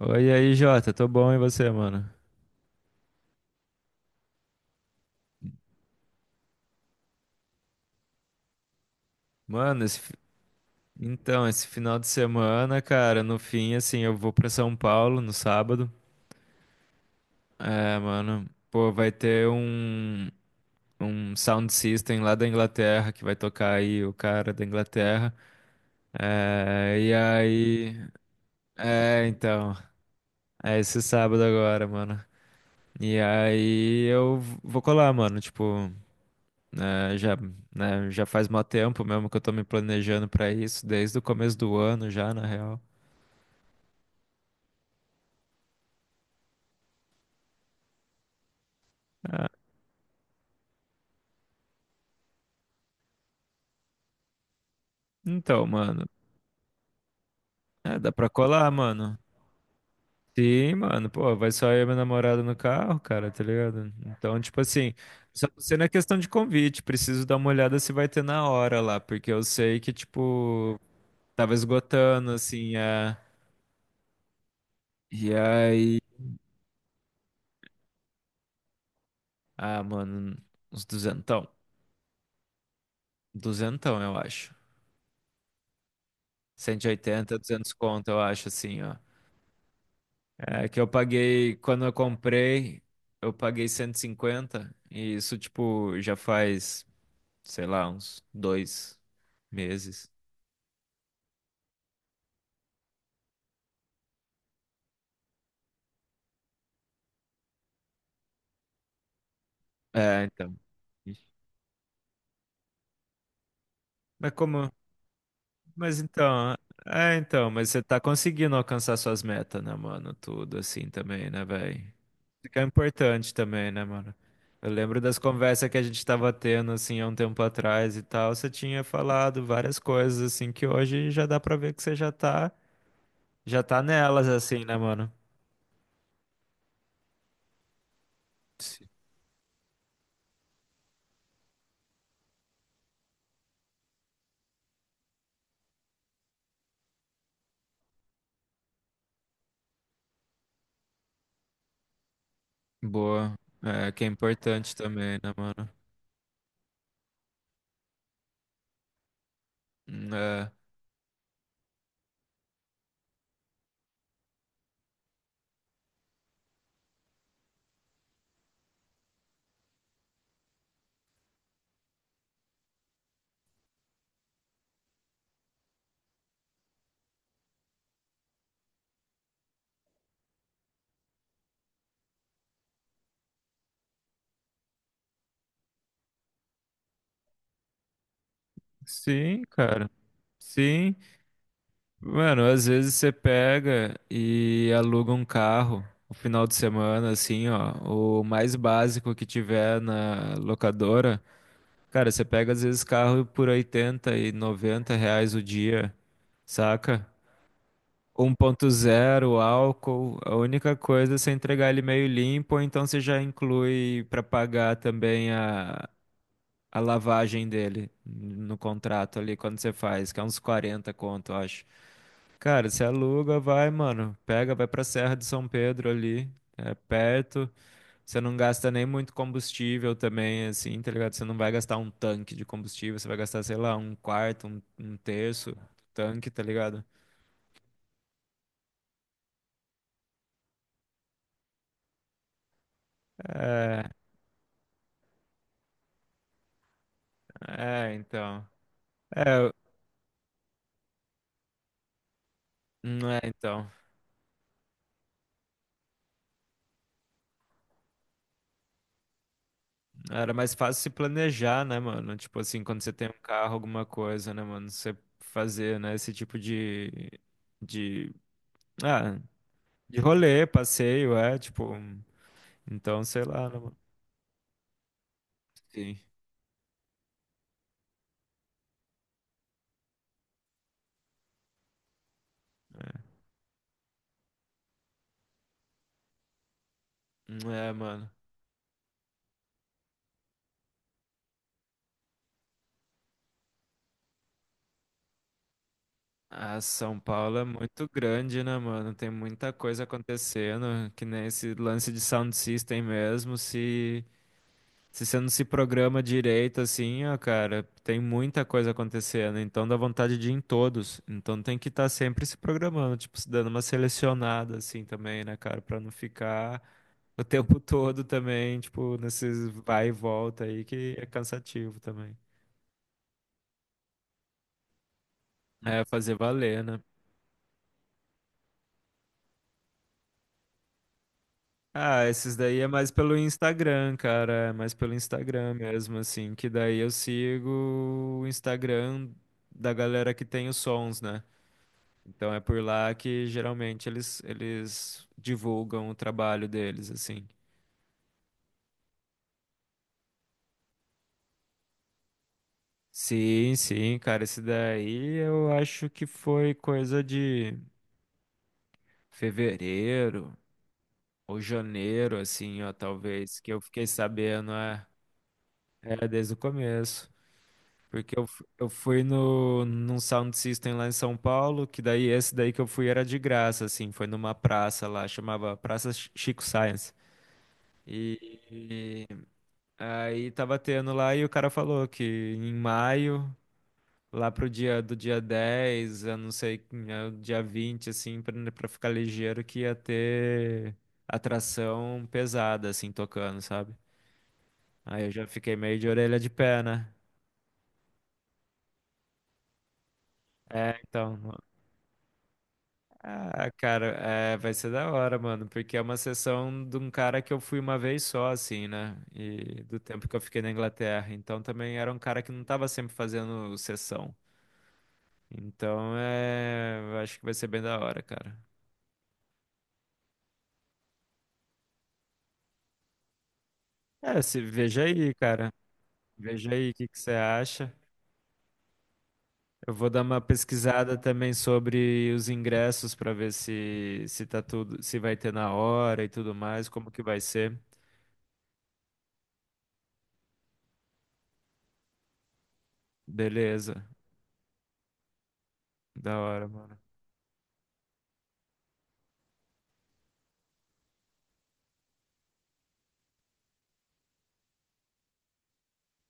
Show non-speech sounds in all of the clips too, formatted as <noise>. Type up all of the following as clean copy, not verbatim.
Oi, e aí, Jota, tô bom e você, mano? Mano, então, esse final de semana, cara, no fim, assim, eu vou pra São Paulo no sábado. É, mano, pô, vai ter um sound system lá da Inglaterra que vai tocar aí o cara da Inglaterra. É, e aí. É, então, é esse sábado agora, mano. E aí eu vou colar, mano, tipo. né, já, né, já faz mó tempo mesmo que eu tô me planejando pra isso, desde o começo do ano já, na real. Então, mano, é, dá pra colar, mano. Sim, mano, pô, vai só eu e minha namorada no carro, cara, tá ligado? Então, tipo assim, só não sei na questão de convite, preciso dar uma olhada se vai ter na hora lá, porque eu sei que, tipo, tava esgotando, assim. E aí. Ah, mano, uns duzentão. Duzentão, eu acho. Cento e oitenta 200 conto, eu acho, assim, ó. É que eu paguei, quando eu comprei, eu paguei 150 e cinquenta, e isso, tipo, já faz, sei lá, uns 2 meses. É, então. Ixi. Mas como? Mas então, é, então, mas você tá conseguindo alcançar suas metas, né, mano? Tudo assim também, né, velho? Isso que é importante também, né, mano? Eu lembro das conversas que a gente tava tendo, assim, há um tempo atrás e tal. Você tinha falado várias coisas, assim, que hoje já dá pra ver que você já tá. Já tá nelas assim, né, mano? Sim. Boa. É, que é importante também, né, mano? É. Sim, cara. Sim. Mano, às vezes você pega e aluga um carro no final de semana, assim, ó. O mais básico que tiver na locadora. Cara, você pega às vezes carro por 80 e 90 reais o dia, saca? 1.0, álcool, a única coisa é você entregar ele meio limpo, ou então você já inclui para pagar também a lavagem dele no contrato ali quando você faz, que é uns 40 conto, eu acho. Cara, você aluga, vai, mano, pega, vai pra Serra de São Pedro ali, é perto, você não gasta nem muito combustível também, assim, tá ligado? Você não vai gastar um tanque de combustível, você vai gastar, sei lá, um quarto, um terço do tanque, tá ligado? É, é, então. É, não é, então. Era mais fácil se planejar, né, mano? Tipo assim, quando você tem um carro, alguma coisa, né, mano? Você fazer, né, esse tipo de, ah, de rolê, passeio, é, tipo, então, sei lá, né, mano? Sim. É, mano. A São Paulo é muito grande, né, mano? Tem muita coisa acontecendo, que nem esse lance de sound system mesmo, se você não se programa direito, assim, ó, cara, tem muita coisa acontecendo, então dá vontade de ir em todos. Então tem que estar sempre se programando, tipo, se dando uma selecionada, assim, também, né, cara, pra não ficar o <laughs> tempo todo também, tipo, nesses vai e volta aí, que é cansativo também. É, fazer valer, né? Ah, esses daí é mais pelo Instagram, cara, é mais pelo Instagram mesmo, assim, que daí eu sigo o Instagram da galera que tem os sons, né? Então é por lá que geralmente eles divulgam o trabalho deles, assim. Sim, sim, cara, esse daí eu acho que foi coisa de fevereiro ou janeiro, assim, ó, talvez, que eu fiquei sabendo, é desde o começo. Porque eu fui no, num sound system lá em São Paulo, que daí esse daí que eu fui era de graça, assim, foi numa praça lá, chamava Praça Chico Science. E aí tava tendo lá e o cara falou que em maio, lá pro dia do dia 10 eu não sei, né, dia 20 assim, pra, né, pra ficar ligeiro, que ia ter atração pesada, assim, tocando, sabe? Aí eu já fiquei meio de orelha de pé, né? É, então. Ah, cara, é, vai ser da hora, mano, porque é uma sessão de um cara que eu fui uma vez só, assim, né? E do tempo que eu fiquei na Inglaterra. Então também era um cara que não tava sempre fazendo sessão. Então é. Acho que vai ser bem da hora, cara. É, se... veja aí, cara. Veja aí o que que você acha. Eu vou dar uma pesquisada também sobre os ingressos para ver se tá tudo, se vai ter na hora e tudo mais, como que vai ser. Beleza. Da hora, mano.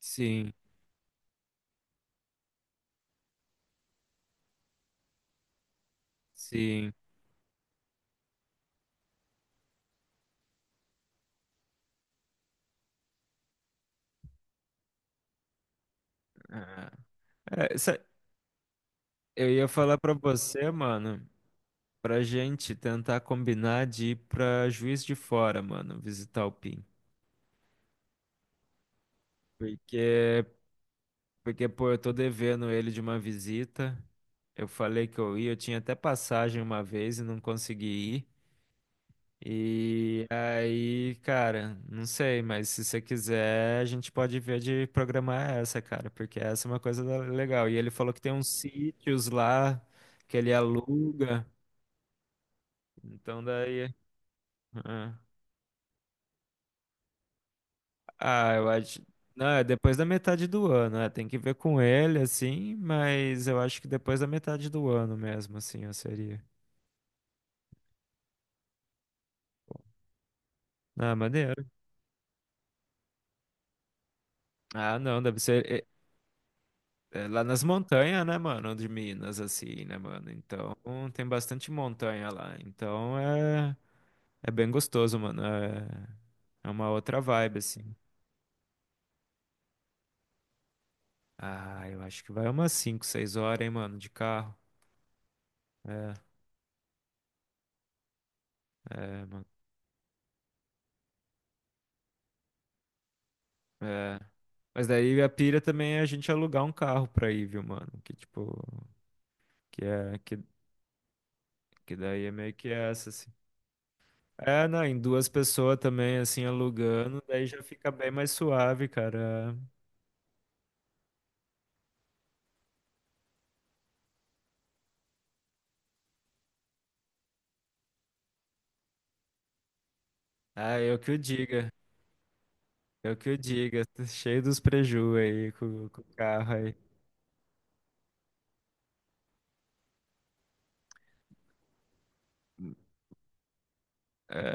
Sim, sim. Ah, é, eu ia falar pra você, mano, pra gente tentar combinar de ir pra Juiz de Fora, mano, visitar o PIN. Porque Porque, pô, eu tô devendo ele de uma visita. Eu falei que eu ia, eu tinha até passagem uma vez e não consegui ir. E aí, cara, não sei, mas se você quiser, a gente pode ver de programar essa, cara, porque essa é uma coisa legal. E ele falou que tem uns sítios lá que ele aluga. Então daí. Ah, Ah, eu acho. Não, é depois da metade do ano, é, tem que ver com ele, assim, mas eu acho que depois da metade do ano mesmo, assim, eu seria. Ah, maneiro. Ah, não, deve ser é lá nas montanhas, né, mano? De Minas, assim, né, mano? Então tem bastante montanha lá. Então é bem gostoso, mano. É uma outra vibe, assim. Ah, eu acho que vai umas 5 6 horas, hein, mano, de carro. É, é, mano. É. Mas daí a pira também é a gente alugar um carro pra ir, viu, mano? Que tipo, que é, que daí é meio que essa, assim. É, não, em duas pessoas também, assim, alugando, daí já fica bem mais suave, cara. Ah, eu que o diga, eu que o diga, <laughs> tá cheio dos preju aí com o carro aí. É,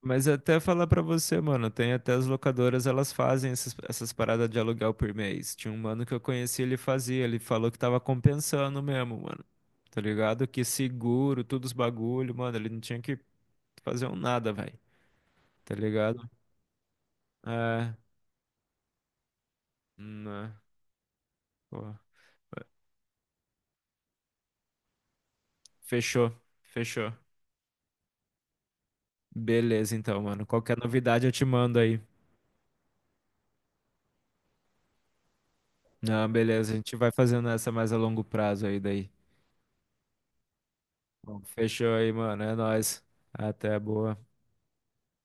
mas até falar pra você, mano, tem até as locadoras, elas fazem essas paradas de aluguel por mês. Tinha um mano que eu conheci, ele fazia, ele falou que tava compensando mesmo, mano. Tá ligado? Que seguro, todos os bagulho, mano, ele não tinha que fazer um nada, velho. Tá ligado? É, né, pô. É. Fechou, fechou. Beleza, então, mano. Qualquer novidade eu te mando aí. Não, beleza, a gente vai fazendo essa mais a longo prazo aí daí. Bom, fechou aí, mano. É nóis. Até boa.